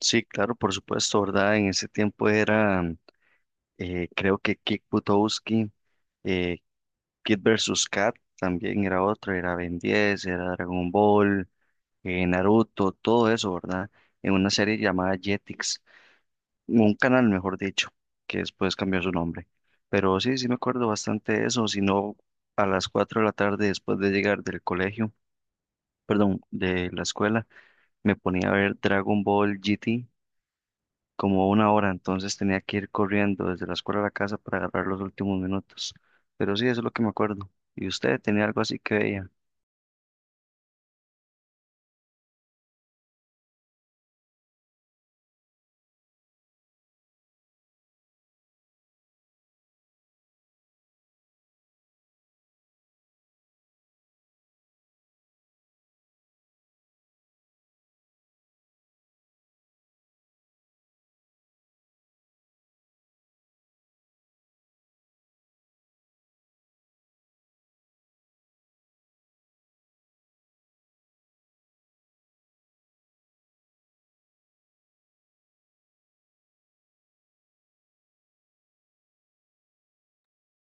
Sí, claro, por supuesto, ¿verdad? En ese tiempo era, creo que Kick Butowski, eh, Kid versus Kat también era otro, era Ben 10, era Dragon Ball, Naruto, todo eso, ¿verdad? En una serie llamada Jetix, un canal, mejor dicho, que después cambió su nombre. Pero sí, sí me acuerdo bastante de eso, si no, a las 4:00 de la tarde después de llegar del colegio, perdón, de la escuela, me ponía a ver Dragon Ball GT como una hora, entonces tenía que ir corriendo desde la escuela a la casa para agarrar los últimos minutos. Pero sí, eso es lo que me acuerdo. ¿Y usted tenía algo así que veía?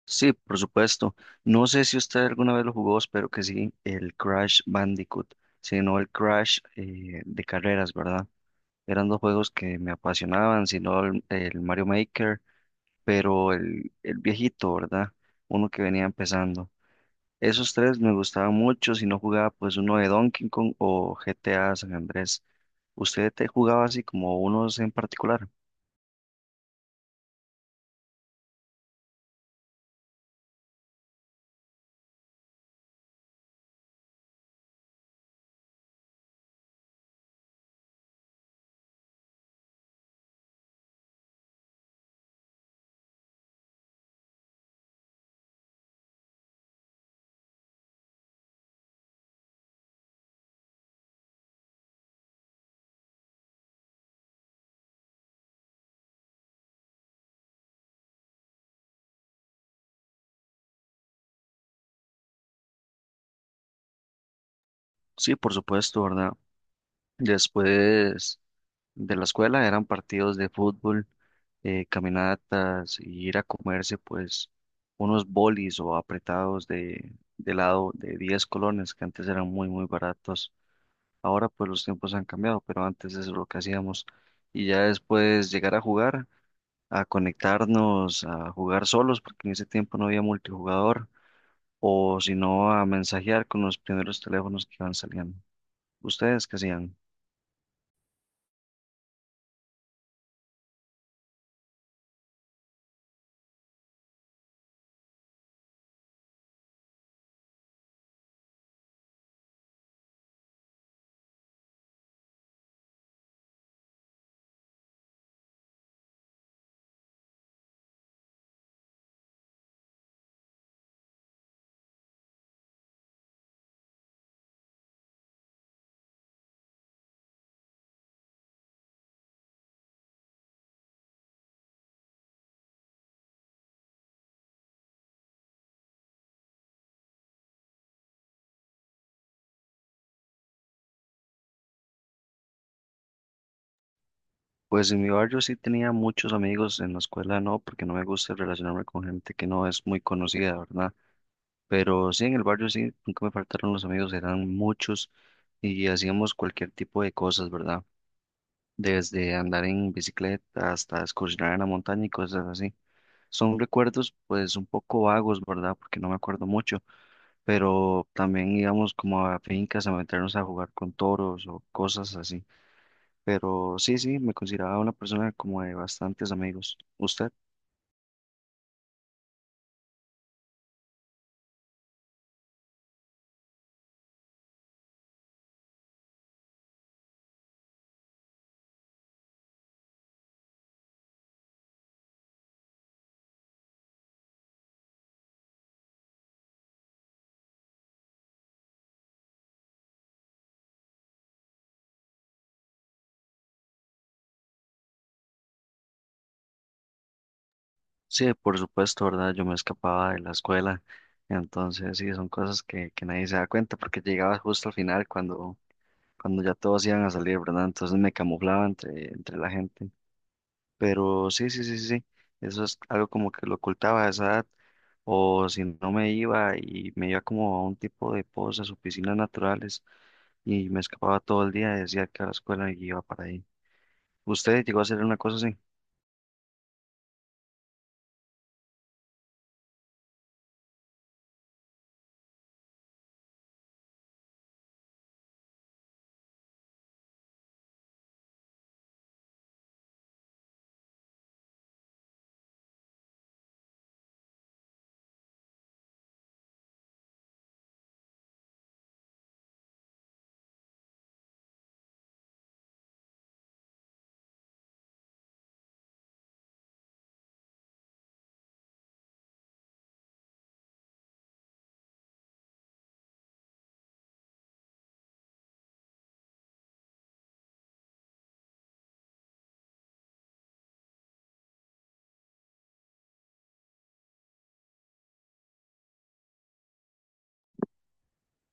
Sí, por supuesto. No sé si usted alguna vez lo jugó, espero que sí, el Crash Bandicoot, sino el Crash de carreras, ¿verdad? Eran dos juegos que me apasionaban, sino el Mario Maker, pero el viejito, ¿verdad? Uno que venía empezando. Esos tres me gustaban mucho, si no jugaba pues uno de Donkey Kong o GTA San Andrés. ¿Usted te jugaba así como unos en particular? Sí, por supuesto, ¿verdad? Después de la escuela eran partidos de fútbol, caminatas y ir a comerse pues unos bolis o apretados de helado de 10 colones que antes eran muy muy baratos. Ahora pues los tiempos han cambiado, pero antes eso es lo que hacíamos. Y ya después llegar a jugar. A conectarnos, a jugar solos, porque en ese tiempo no había multijugador, o si no, a mensajear con los primeros teléfonos que iban saliendo. ¿Ustedes qué hacían? Pues en mi barrio sí tenía muchos amigos, en la escuela no, porque no me gusta relacionarme con gente que no es muy conocida, ¿verdad? Pero sí, en el barrio sí, nunca me faltaron los amigos, eran muchos y hacíamos cualquier tipo de cosas, ¿verdad? Desde andar en bicicleta hasta excursionar en la montaña y cosas así. Son recuerdos pues un poco vagos, ¿verdad? Porque no me acuerdo mucho, pero también íbamos como a fincas a meternos a jugar con toros o cosas así. Pero sí, sí, me consideraba una persona como de bastantes amigos. ¿Usted? Sí, por supuesto, ¿verdad? Yo me escapaba de la escuela, entonces sí, son cosas que nadie se da cuenta porque llegaba justo al final cuando, cuando ya todos iban a salir, ¿verdad? Entonces me camuflaba entre la gente. Pero sí, sí, sí, sí, sí. Eso es algo como que lo ocultaba a esa edad, o si no me iba y me iba como a un tipo de pozas o piscinas naturales y me escapaba todo el día, decía que a la escuela y iba para ahí. ¿Usted llegó a hacer una cosa así?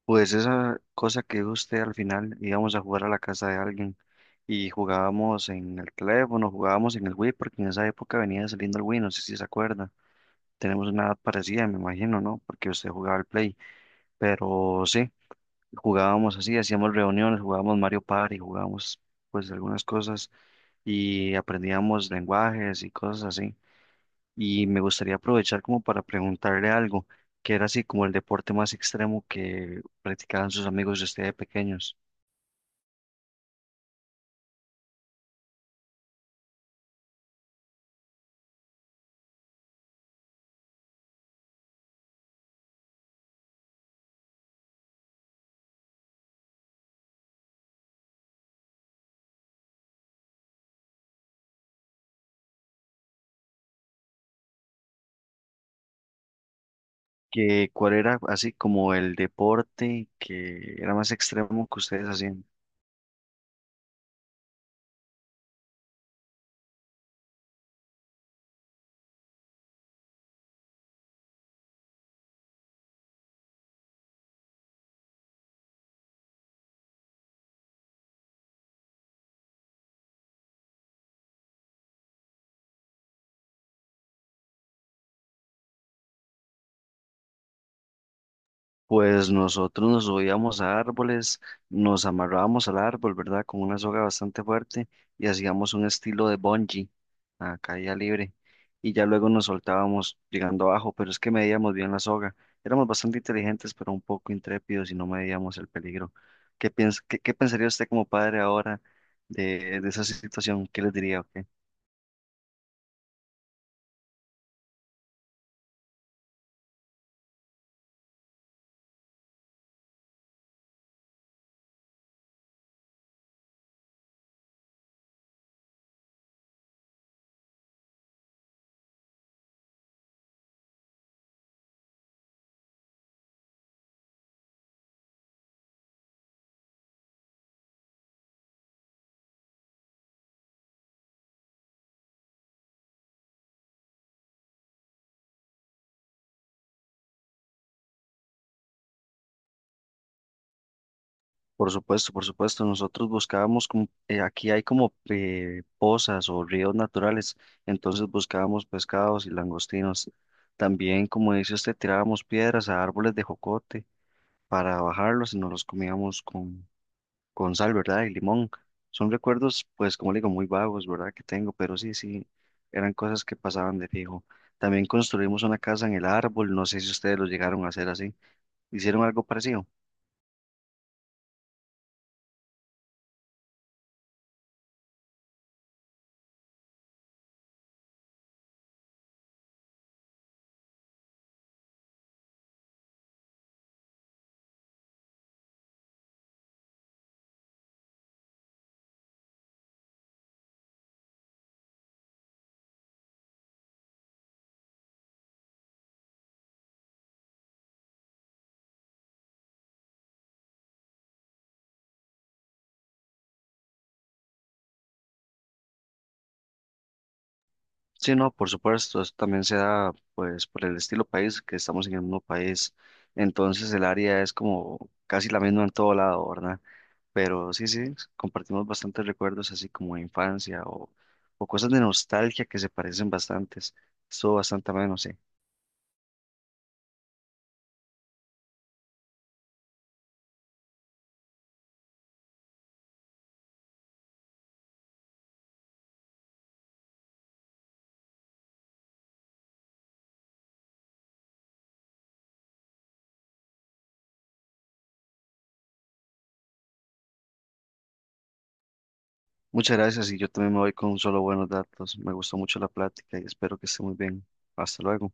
Pues esa cosa que dijo usted al final, íbamos a jugar a la casa de alguien y jugábamos en el teléfono, jugábamos en el Wii, porque en esa época venía saliendo el Wii, no sé si se acuerda. Tenemos una edad parecida, me imagino, ¿no? Porque usted jugaba al Play, pero sí. Jugábamos así, hacíamos reuniones, jugábamos Mario Party, jugábamos pues algunas cosas y aprendíamos lenguajes y cosas así. Y me gustaría aprovechar como para preguntarle algo, que era así como el deporte más extremo que practicaban sus amigos de ustedes pequeños. Que cuál era así como el deporte que era más extremo que ustedes hacían. Pues nosotros nos subíamos a árboles, nos amarrábamos al árbol, ¿verdad? Con una soga bastante fuerte y hacíamos un estilo de bungee a caída libre y ya luego nos soltábamos llegando abajo, pero es que medíamos bien la soga. Éramos bastante inteligentes, pero un poco intrépidos y no medíamos el peligro. ¿Qué pensaría usted como padre ahora de esa situación? ¿Qué les diría? O por supuesto, por supuesto. Nosotros buscábamos, como, aquí hay como pozas o ríos naturales, entonces buscábamos pescados y langostinos. También, como dice usted, tirábamos piedras a árboles de jocote para bajarlos y nos los comíamos con sal, ¿verdad? Y limón. Son recuerdos, pues, como le digo, muy vagos, ¿verdad? Que tengo, pero sí, sí, eran cosas que pasaban de fijo. También construimos una casa en el árbol, no sé si ustedes lo llegaron a hacer así. ¿Hicieron algo parecido? Sí, no, por supuesto, eso también se da pues por el estilo país, que estamos en el mismo país, entonces el área es como casi la misma en todo lado, ¿verdad? Pero sí, sí, compartimos bastantes recuerdos así como de infancia o cosas de nostalgia que se parecen bastantes, estuvo bastante ameno, sí. Muchas gracias y yo también me voy con solo buenos datos, me gustó mucho la plática y espero que esté muy bien, hasta luego.